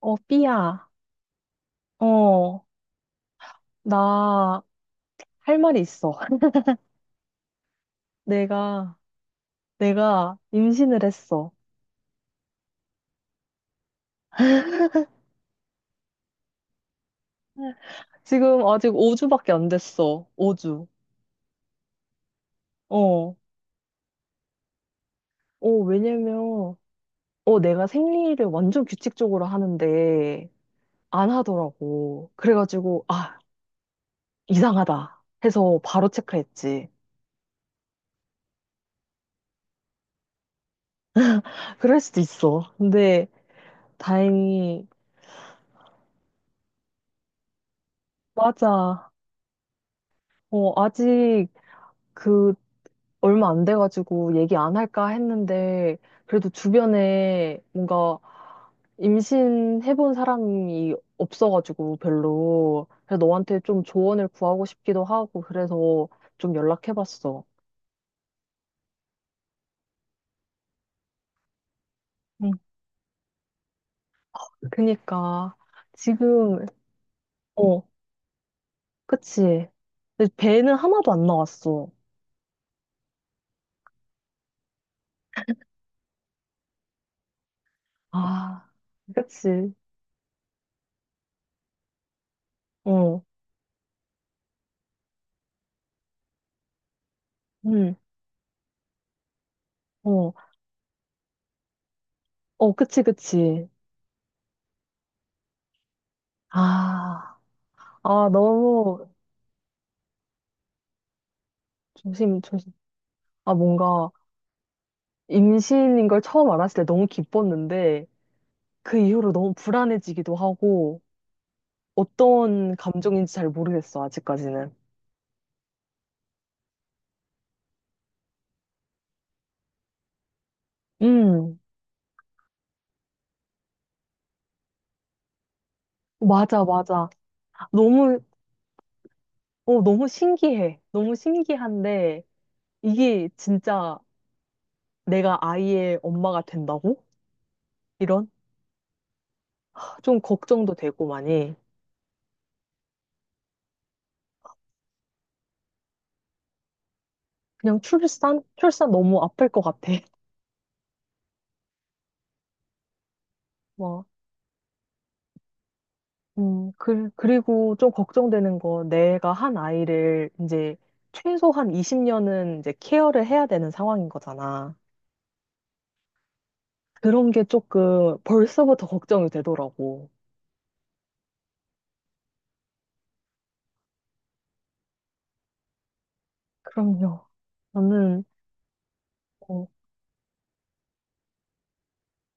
삐야. 어, 나 할 말이 있어. 내가, 내가 임신을 했어. 지금 아직 5주밖에 안 됐어. 5주. 어, 왜냐면, 내가 생리를 완전 규칙적으로 하는데 안 하더라고. 그래가지고, 이상하다. 해서 바로 체크했지. 그럴 수도 있어. 근데 다행히, 맞아. 아직 그 얼마 안 돼가지고 얘기 안 할까 했는데, 그래도 주변에 뭔가 임신해본 사람이 없어가지고 별로. 그래서 너한테 좀 조언을 구하고 싶기도 하고, 그래서 좀 연락해봤어. 응. 그니까, 지금, 어, 그치. 근데 배는 하나도 안 나왔어. 아, 그치. 어, 응, 어, 어, 그치, 그치. 아, 아, 너무, 조심, 조심. 아, 뭔가, 임신인 걸 처음 알았을 때 너무 기뻤는데 그 이후로 너무 불안해지기도 하고 어떤 감정인지 잘 모르겠어, 아직까지는. 음, 맞아, 맞아. 너무, 너무 신기해. 너무 신기한데 이게 진짜 내가 아이의 엄마가 된다고? 이런? 좀 걱정도 되고 많이. 그냥 출산? 출산 너무 아플 것 같아. 그리고 좀 걱정되는 거, 내가 한 아이를 이제 최소한 20년은 이제 케어를 해야 되는 상황인 거잖아. 그런 게 조금 벌써부터 걱정이 되더라고. 그럼요. 나는, 어,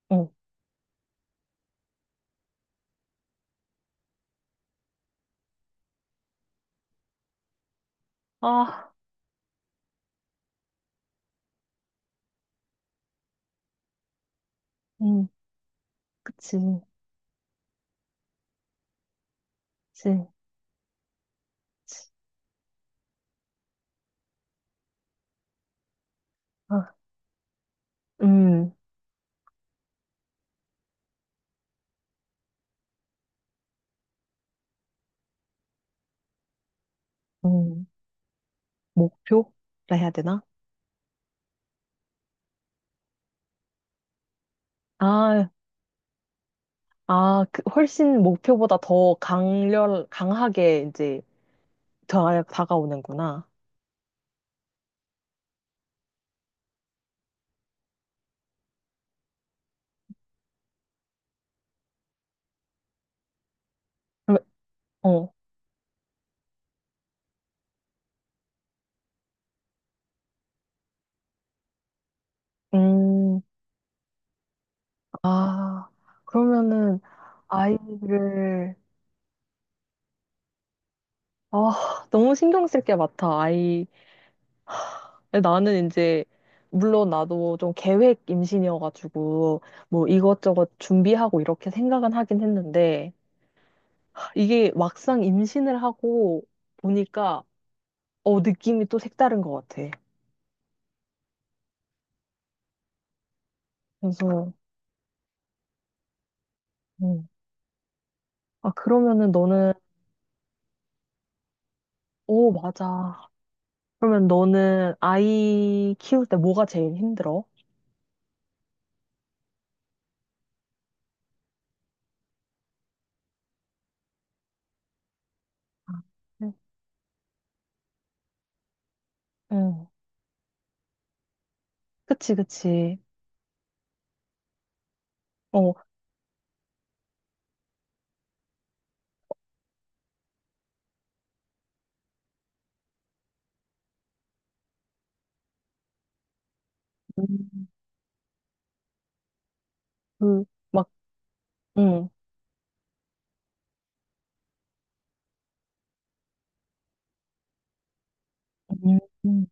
어, 아, 음, 그치, 그치. 아, 음, 음, 목표라 해야 되나? 아, 아, 그 훨씬 목표보다 더 강하게 이제 다가오는구나. 그럼, 어, 음. 아, 그러면은 아이를. 너무 신경 쓸 게 많다. 아이 나는 이제 물론 나도 좀 계획 임신이어가지고 뭐 이것저것 준비하고 이렇게 생각은 하긴 했는데 이게 막상 임신을 하고 보니까 느낌이 또 색다른 것 같아. 그래서 음. 그러면은 너는. 오, 맞아. 그러면 너는 아이 키울 때 뭐가 제일 힘들어? 아, 응. 응. 그치, 그치. 어, 음, 그, 막, 응, 음, 음,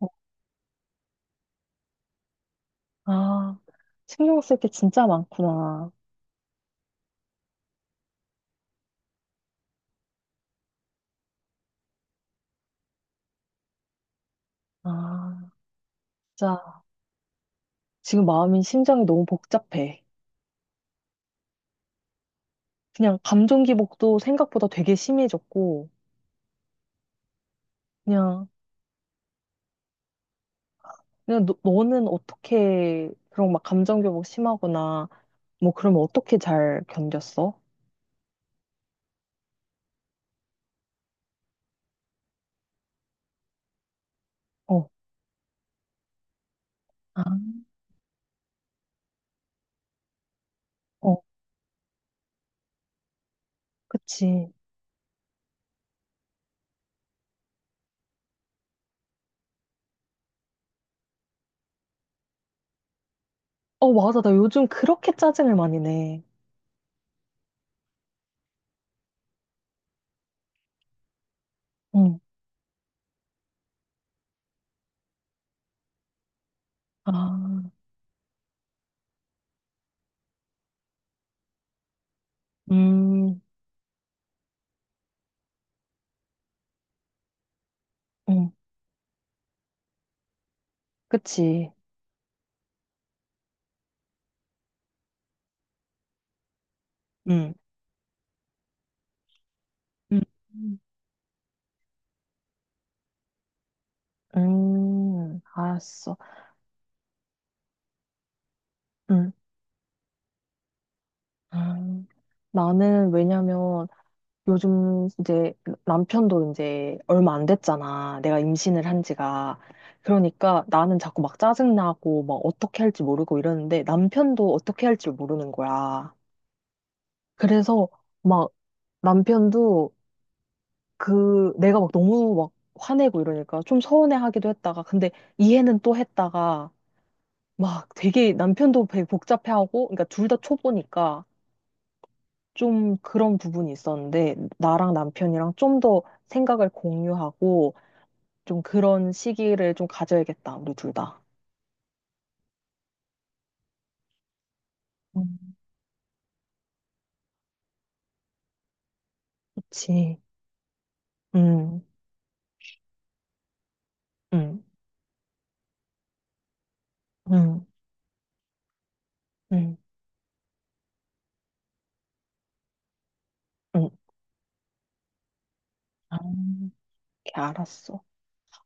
어, 아, 신경 쓸 게 진짜 많구나. 아, 진짜, 지금 마음이, 심장이 너무 복잡해. 그냥 감정 기복도 생각보다 되게 심해졌고, 그냥, 그냥 너는 어떻게, 그런 막 감정 기복 심하거나, 뭐 그러면 어떻게 잘 견뎠어? 어, 아, 어, 그치. 어, 맞아. 나 요즘 그렇게 짜증을 많이 내. 응, 아, 음, 응, 그치. 응. 음, 알았어. 음, 음. 나는 왜냐면 요즘 이제 남편도 이제 얼마 안 됐잖아. 내가 임신을 한 지가. 그러니까 나는 자꾸 막 짜증나고 막 어떻게 할지 모르고 이러는데 남편도 어떻게 할지 모르는 거야. 그래서 막 남편도 그 내가 막 너무 막 화내고 이러니까 좀 서운해하기도 했다가 근데 이해는 또 했다가 막 되게 남편도 되게 복잡해하고, 그러니까 둘 다 초보니까 좀 그런 부분이 있었는데, 나랑 남편이랑 좀 더 생각을 공유하고, 좀 그런 시기를 좀 가져야겠다, 우리 둘 다. 음, 그치. 응, 응, 응, 응, 응. 아, 렇게 알았어.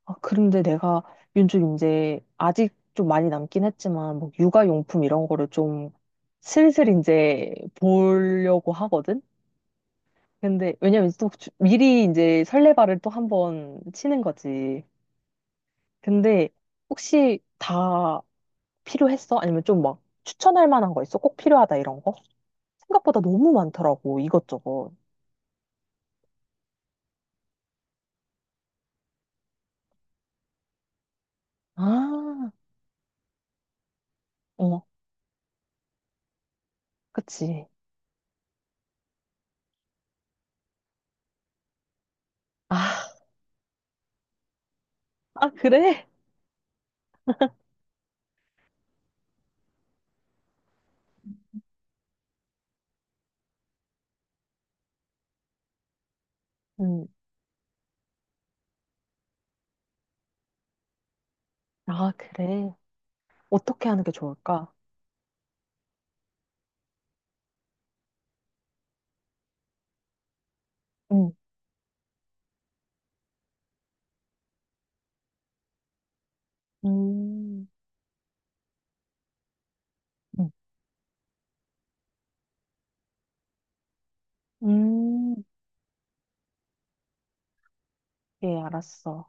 아, 그런데 내가 윤주 이제 아직 좀 많이 남긴 했지만, 뭐 육아용품 이런 거를 좀 슬슬 이제 보려고 하거든? 근데 왜냐면 또 미리 이제 설레발을 또 한번 치는 거지. 근데 혹시 다 필요했어? 아니면 좀 막 추천할 만한 거 있어? 꼭 필요하다 이런 거? 생각보다 너무 많더라고 이것저것. 아, 어, 그치. 아, 아 그래? 음, 아 그래. 어떻게 하는 게 좋을까? 음, 음, 음, 음. 예, 알았어.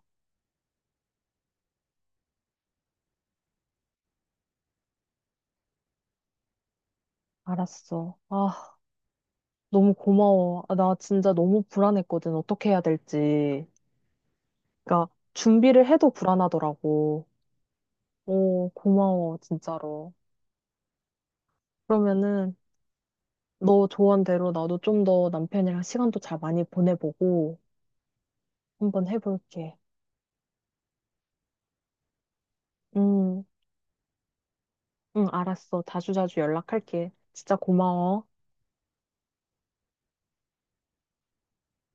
알았어. 아, 너무 고마워. 아, 나 진짜 너무 불안했거든. 어떻게 해야 될지. 그러니까 준비를 해도 불안하더라고. 오, 고마워, 진짜로. 그러면은 너 조언대로 나도 좀 더 남편이랑 시간도 잘 많이 보내보고 한번 해볼게. 응 응, 알았어. 자주자주 연락할게. 진짜 고마워.